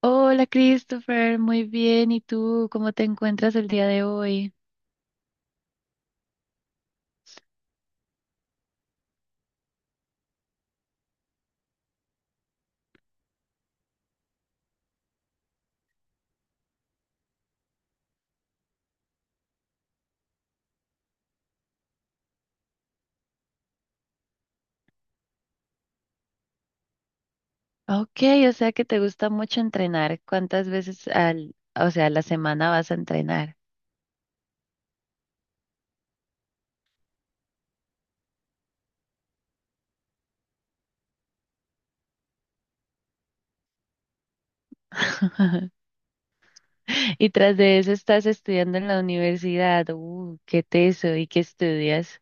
Hola Christopher, muy bien. ¿Y tú cómo te encuentras el día de hoy? Ok, o sea que te gusta mucho entrenar. ¿Cuántas veces o sea, a la semana vas a entrenar? Y tras de eso estás estudiando en la universidad. Qué teso. ¿Y qué estudias?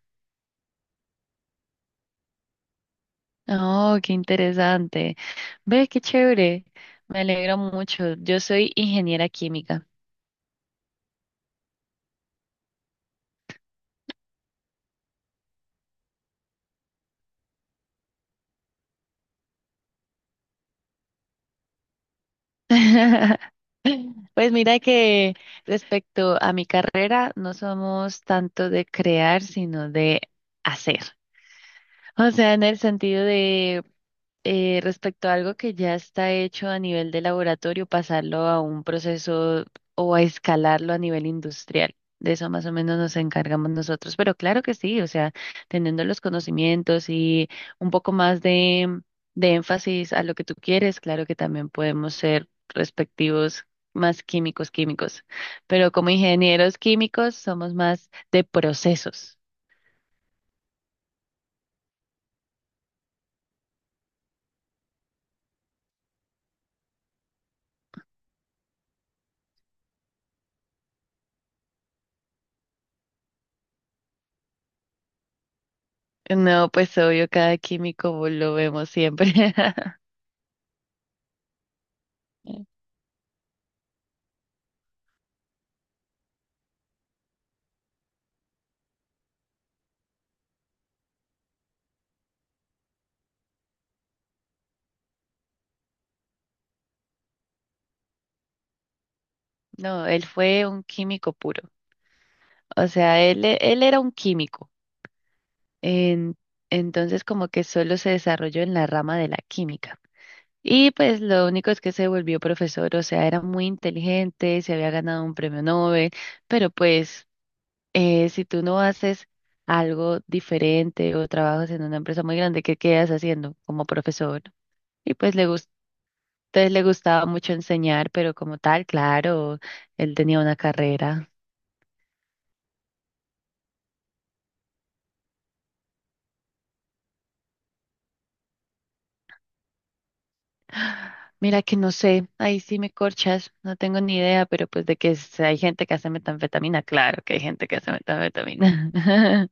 Oh, qué interesante. Ve, qué chévere. Me alegro mucho. Yo soy ingeniera química. Pues mira que respecto a mi carrera, no somos tanto de crear, sino de hacer. O sea, en el sentido de respecto a algo que ya está hecho a nivel de laboratorio, pasarlo a un proceso o a escalarlo a nivel industrial. De eso más o menos nos encargamos nosotros. Pero claro que sí, o sea, teniendo los conocimientos y un poco más de énfasis a lo que tú quieres, claro que también podemos ser respectivos más químicos, químicos. Pero como ingenieros químicos somos más de procesos. No, pues obvio, cada químico lo vemos siempre. No, él fue un químico puro. O sea, él era un químico. En- entonces, como que solo se desarrolló en la rama de la química. Y pues lo único es que se volvió profesor. O sea, era muy inteligente, se había ganado un premio Nobel. Pero pues, si tú no haces algo diferente o trabajas en una empresa muy grande, ¿qué quedas haciendo como profesor? Y pues le gustó. Entonces le gustaba mucho enseñar, pero como tal, claro, él tenía una carrera. Mira que no sé, ahí sí me corchas, no tengo ni idea, pero pues de que hay gente que hace metanfetamina, claro que hay gente que hace metanfetamina.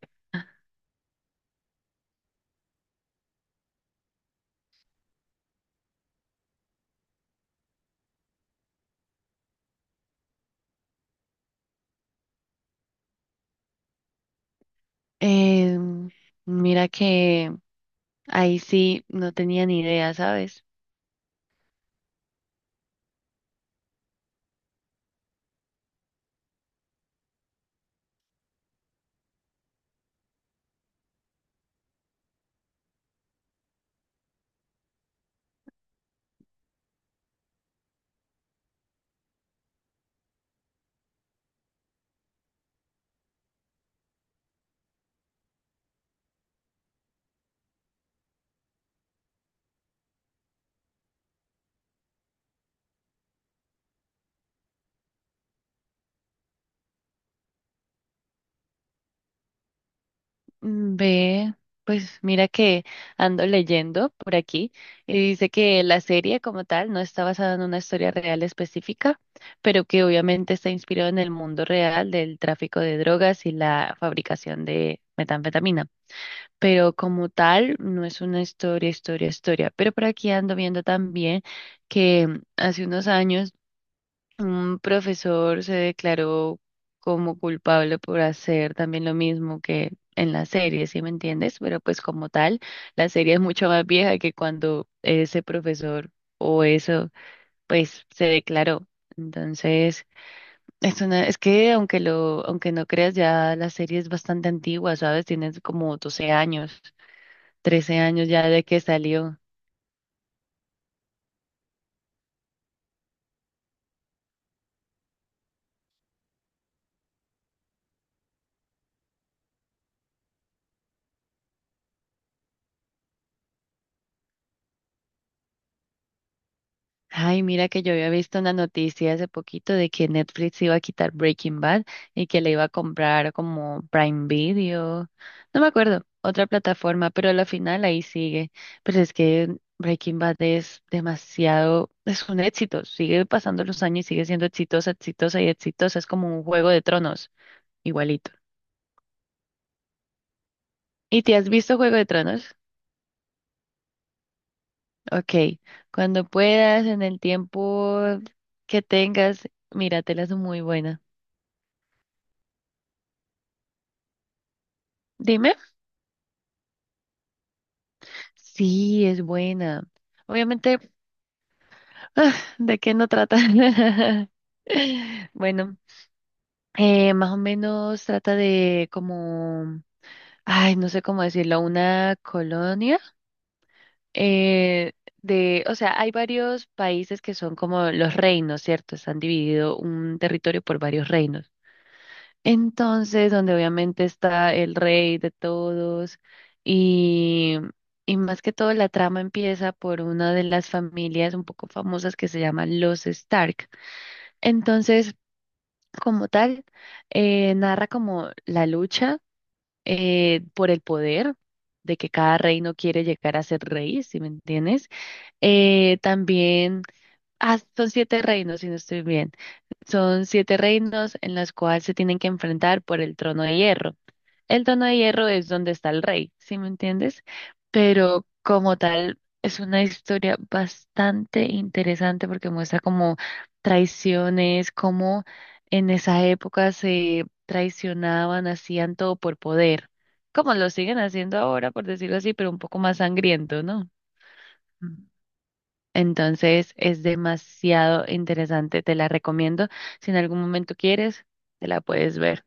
Em, Mira que ahí sí no tenía ni idea, ¿sabes? Mm, ve, pues mira que ando leyendo por aquí y dice que la serie como tal no está basada en una historia real específica, pero que obviamente está inspirado en el mundo real del tráfico de drogas y la fabricación de metanfetamina. Pero como tal no es una historia, historia, historia. Pero por aquí ando viendo también que hace unos años un profesor se declaró como culpable por hacer también lo mismo que en la serie, ¿sí me entiendes? Pero pues como tal, la serie es mucho más vieja que cuando ese profesor o eso, pues se declaró. Entonces, es que aunque no creas, ya la serie es bastante antigua, ¿sabes? Tiene como 12 años, 13 años ya de que salió. Ay, mira que yo había visto una noticia hace poquito de que Netflix iba a quitar Breaking Bad y que le iba a comprar como Prime Video, no me acuerdo, otra plataforma, pero a la final ahí sigue. Pero es que Breaking Bad es demasiado, es un éxito, sigue pasando los años y sigue siendo exitosa, exitosa y exitosa, es como un Juego de Tronos, igualito. ¿Y te has visto Juego de Tronos? Ok, cuando puedas, en el tiempo que tengas, míratelas, es muy buena. Dime. Sí, es buena. Obviamente, ah, ¿de qué no trata? Bueno, más o menos trata de como, ay, no sé cómo decirlo, una colonia eh, o sea, hay varios países que son como los reinos, ¿cierto? Están dividido un territorio por varios reinos. Entonces, donde obviamente está el rey de todos y, y más que todo la trama empieza por una de las familias un poco famosas que se llaman los Stark. Entonces, como tal, narra como la lucha por el poder, de que cada reino quiere llegar a ser rey, si me entiendes. También, son siete reinos, si no estoy bien. Son siete reinos en los cuales se tienen que enfrentar por el trono de hierro. El Trono de Hierro es donde está el rey, ¿sí me entiendes? Pero como tal, es una historia bastante interesante porque muestra como traiciones, cómo en esa época se traicionaban, hacían todo por poder, como lo siguen haciendo ahora, por decirlo así, pero un poco más sangriento, ¿no? Mm. Entonces es demasiado interesante, te la recomiendo. Si en algún momento quieres, te la puedes ver.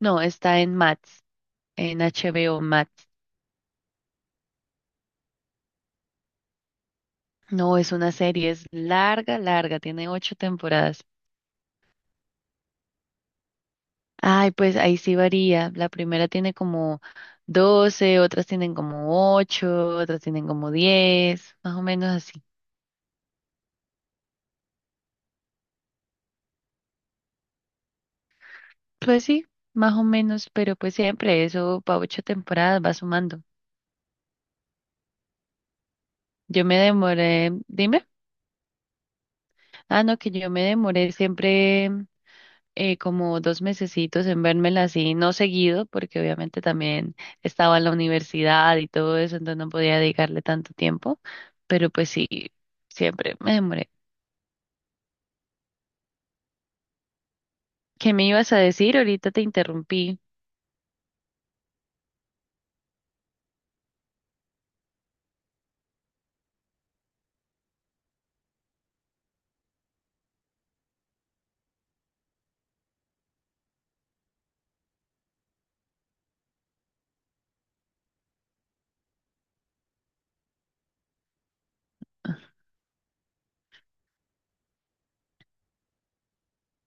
No, está en Max, en HBO Max. No, es una serie, es larga, larga, tiene ocho temporadas. Ay, pues ahí sí varía. La primera tiene como 12, otras tienen como ocho, otras tienen como 10, más o menos así. Pues sí, más o menos, pero pues siempre eso para ocho temporadas va sumando. Yo me demoré, dime. Ah, no, que yo me demoré siempre como 2 mesecitos en vérmela así, no seguido, porque obviamente también estaba en la universidad y todo eso, entonces no podía dedicarle tanto tiempo, pero pues sí, siempre me demoré. ¿Qué me ibas a decir? Ahorita te interrumpí.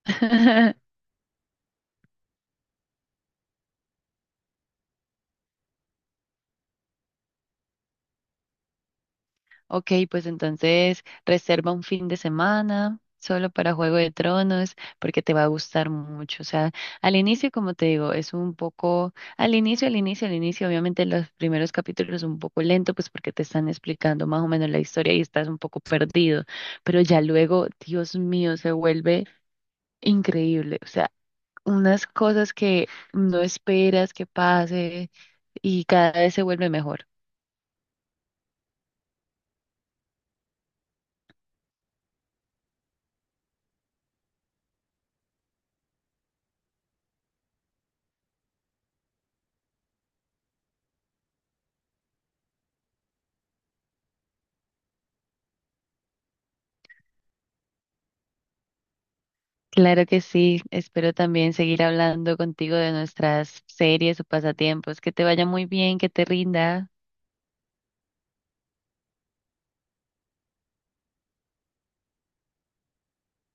Ok, pues entonces reserva un fin de semana solo para Juego de Tronos porque te va a gustar mucho. O sea, al inicio, como te digo, al inicio, al inicio, al inicio, obviamente los primeros capítulos un poco lento, pues porque te están explicando más o menos la historia y estás un poco perdido, pero ya luego, Dios mío, se vuelve increíble. O sea, unas cosas que no esperas que pase y cada vez se vuelve mejor. Claro que sí, espero también seguir hablando contigo de nuestras series o pasatiempos. Que te vaya muy bien, que te rinda.